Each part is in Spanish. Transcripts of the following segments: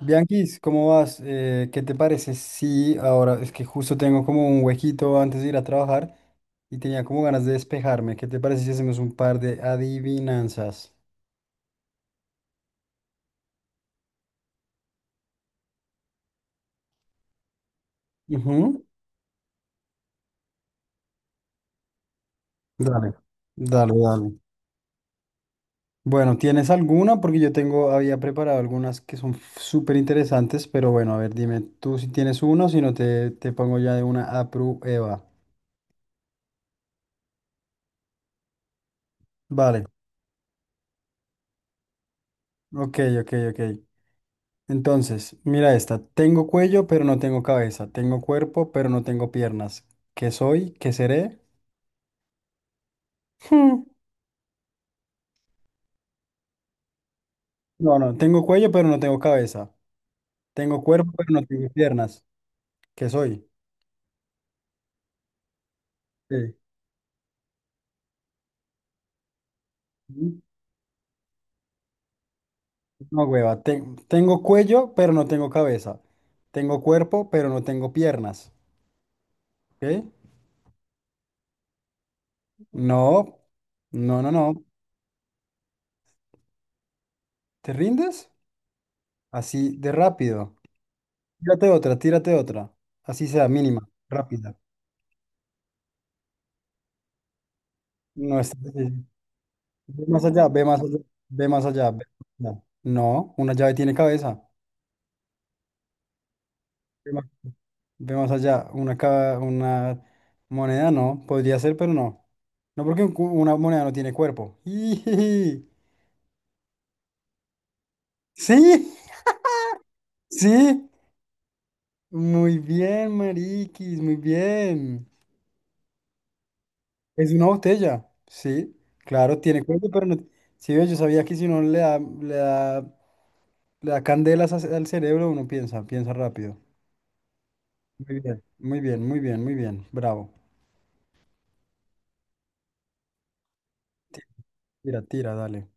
Bianquis, ¿cómo vas? ¿Qué te parece? Sí, ahora es que justo tengo como un huequito antes de ir a trabajar y tenía como ganas de despejarme. ¿Qué te parece si hacemos un par de adivinanzas? Ujú. Dale, dale, dale. Bueno, ¿tienes alguna? Porque yo tengo, había preparado algunas que son súper interesantes, pero bueno, a ver, dime tú si tienes uno, si no te pongo ya de una a prueba. Vale, ok, ok, ok. Entonces, mira esta. Tengo cuello, pero no tengo cabeza. Tengo cuerpo, pero no tengo piernas. ¿Qué soy? ¿Qué seré? Hmm. No, no. Tengo cuello, pero no tengo cabeza. Tengo cuerpo, pero no tengo piernas. ¿Qué soy? Sí. Mm, No, hueva. Tengo cuello, pero no tengo cabeza. Tengo cuerpo, pero no tengo piernas. ¿Ok? No. No, no, no. ¿Te rindes? Así de rápido. Tírate otra, tírate otra. Así sea, mínima, rápida. No está difícil. Ve más allá, ve más allá, ve más allá, ve más allá. No, una llave tiene cabeza. Ve más, ve más allá, una, una moneda no, podría ser, pero no. No porque un una moneda no tiene cuerpo. ¡Ijiji! Sí, sí. Muy bien, mariquis, muy bien. Es una botella, sí. Claro, tiene cuerpo, pero no. Sí, ve, yo sabía que si uno le da, le da, le da candelas al cerebro, uno piensa, piensa rápido. Muy bien, muy bien, muy bien, muy bien. Bravo. Tira, tira, dale.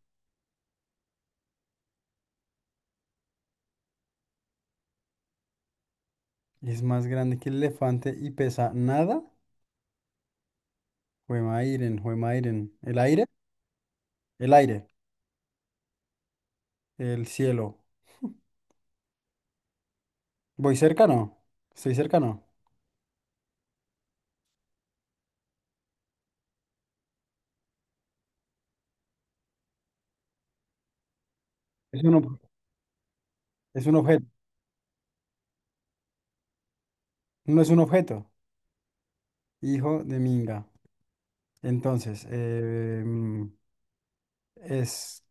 Es más grande que el elefante y pesa nada. Juemairen, Juemairen. ¿El aire? El aire. El cielo. ¿Voy cerca? No. ¿Estoy cerca? No. Es un, ob- es un objeto. No es un objeto. Hijo de Minga. Entonces, es,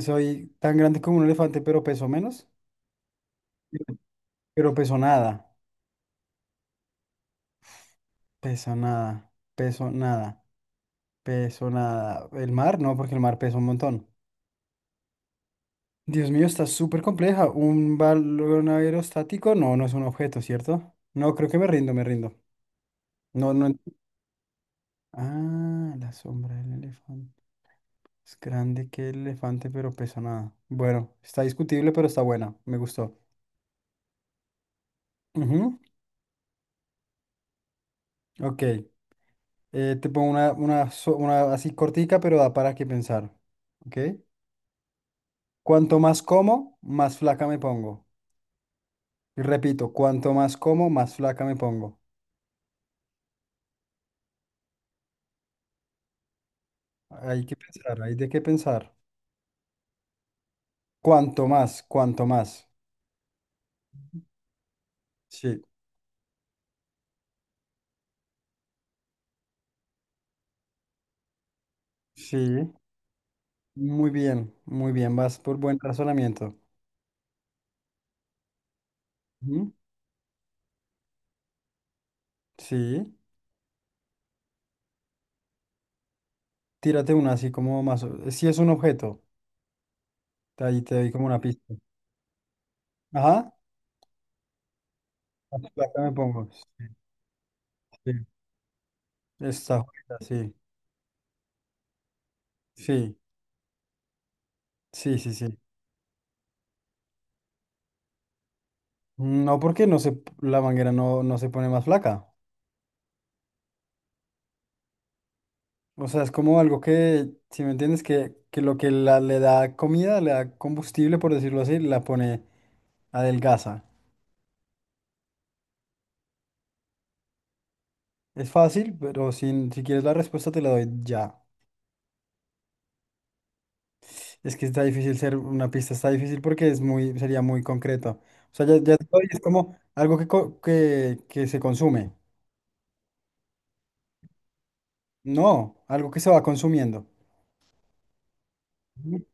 soy tan grande como un elefante, pero peso menos. Pero peso nada. Peso nada. Peso nada. Peso nada. ¿El mar? No, porque el mar pesa un montón. Dios mío, está súper compleja. Un balón aerostático, no, no es un objeto, ¿cierto? No, creo que me rindo, me rindo. No, no. Ah, la sombra del elefante. Es grande que el elefante, pero pesa nada. Bueno, está discutible, pero está buena. Me gustó. Ujú. Ok. Te pongo una así cortica, pero da para qué pensar. Ok. Cuanto más como, más flaca me pongo. Y repito, cuanto más como, más flaca me pongo. Hay que pensar, hay de qué pensar. Cuanto más, cuanto más. Sí, sí. Muy bien, muy bien. Vas por buen razonamiento. Ujú. Sí. Tírate una así como más. Si es un objeto, ahí te doy como una pista. Ajá. Acá me pongo. Sí, sí. Esta juega, sí. Sí, sí, sí, sí. No porque no se, la manguera no, no se pone más flaca. O sea, es como algo que, si me entiendes, que lo que la, le da comida, le da combustible, por decirlo así, la pone adelgaza. Es fácil, pero si, si quieres la respuesta te la doy ya. Es que está difícil ser una pista, está difícil porque es muy, sería muy concreto. O sea, ya, ya te doy, es como algo que, que se consume. No, algo que se va consumiendo. Ujú.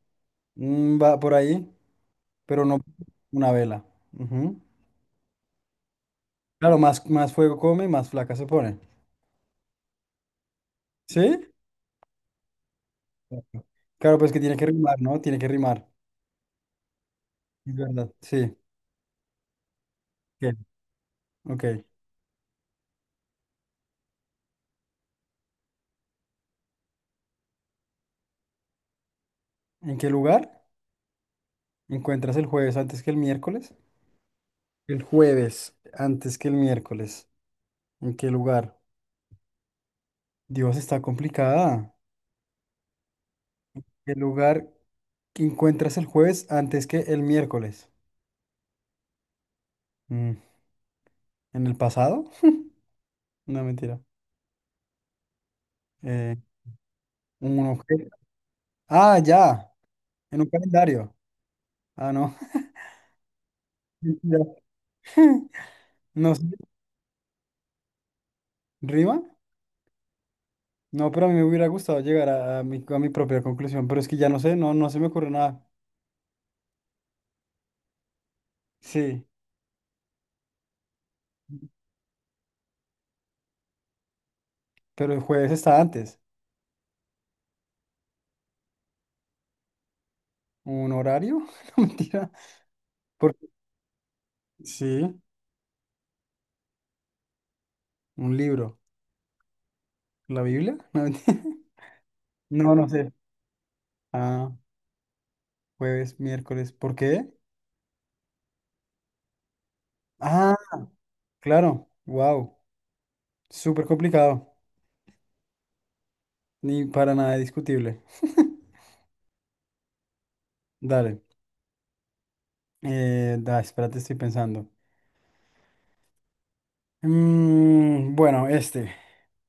Mm, va por ahí, pero no una vela. Ujú. Claro, más, más fuego come, más flaca se pone. ¿Sí? Exacto. Claro, pues que tiene que rimar, ¿no? Tiene que rimar. Es verdad, sí. Bien. Ok. ¿En qué lugar encuentras el jueves antes que el miércoles? El jueves, antes que el miércoles. ¿En qué lugar? Dios, está complicada. ¿Qué lugar que encuentras el jueves antes que el miércoles? Mm, ¿En el pasado? No, mentira. Eh, un objeto. Ah, ya. En un calendario. Ah, no. Mentira. No sé. ¿Rima? No, pero a mí me hubiera gustado llegar a mi propia conclusión. Pero es que ya no sé, no, no se me ocurre nada. Sí, pero el jueves está antes. ¿Un horario? No, mentira. Porque, sí, un libro. ¿La Biblia? No, mentira, no no sé. Ah, jueves, miércoles. ¿Por qué? Ah, claro. Wow. Súper complicado. Ni para nada discutible. Dale. Espérate, estoy pensando. Mm, bueno, este.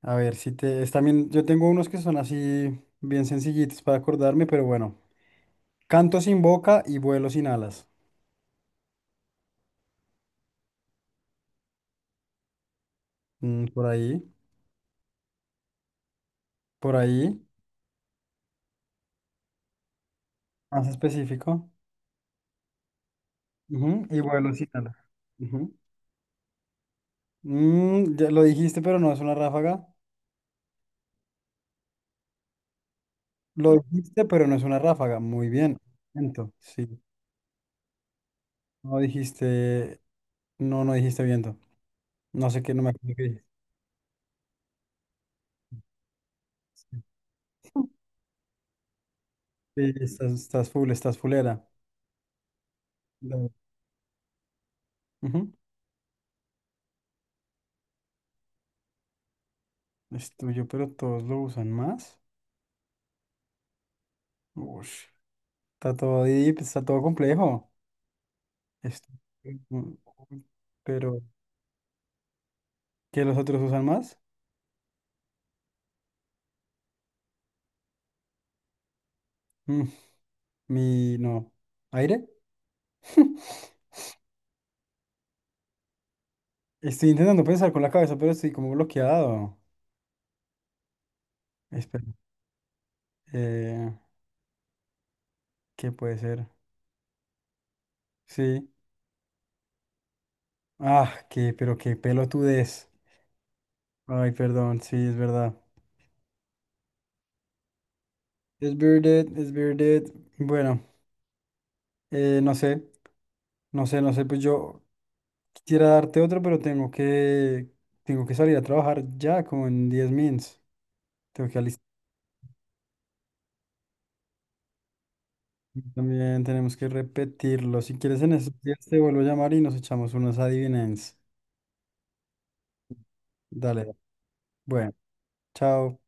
A ver, si te... Es también... Yo tengo unos que son así bien sencillitos para acordarme, pero bueno. Canto sin boca y vuelo sin alas. Mm, por ahí. Por ahí. Más específico. Ujú. Y vuelo sin alas. Ujú. Mm, ya lo dijiste, pero no es una ráfaga. Lo dijiste, pero no es una ráfaga. Muy bien. Viento, sí. No dijiste, no, no dijiste viento. No sé qué, no me acuerdo qué dijiste. Sí, sí, estás, estás full, estás fulera. Dale. Ujú. Es tuyo, pero todos lo usan más. Ush. Está todo deep, está todo complejo. Es tu- Pero, ¿qué los otros usan más? Mm, no. ¿Aire? Estoy intentando pensar con la cabeza, pero estoy como bloqueado. Espera, eh, ¿qué puede ser? Sí. Ah, qué, pero qué pelotudez. Ay, perdón, sí, es verdad. Es bearded, es bearded. Bueno, no sé, no sé, no sé, pues yo quisiera darte otro, pero tengo que salir a trabajar ya, como en 10 mins. Tengo que alistar. También tenemos que repetirlo. Si quieres en esos días te vuelvo a llamar y nos echamos unas adivinanzas. Dale, bueno, chao.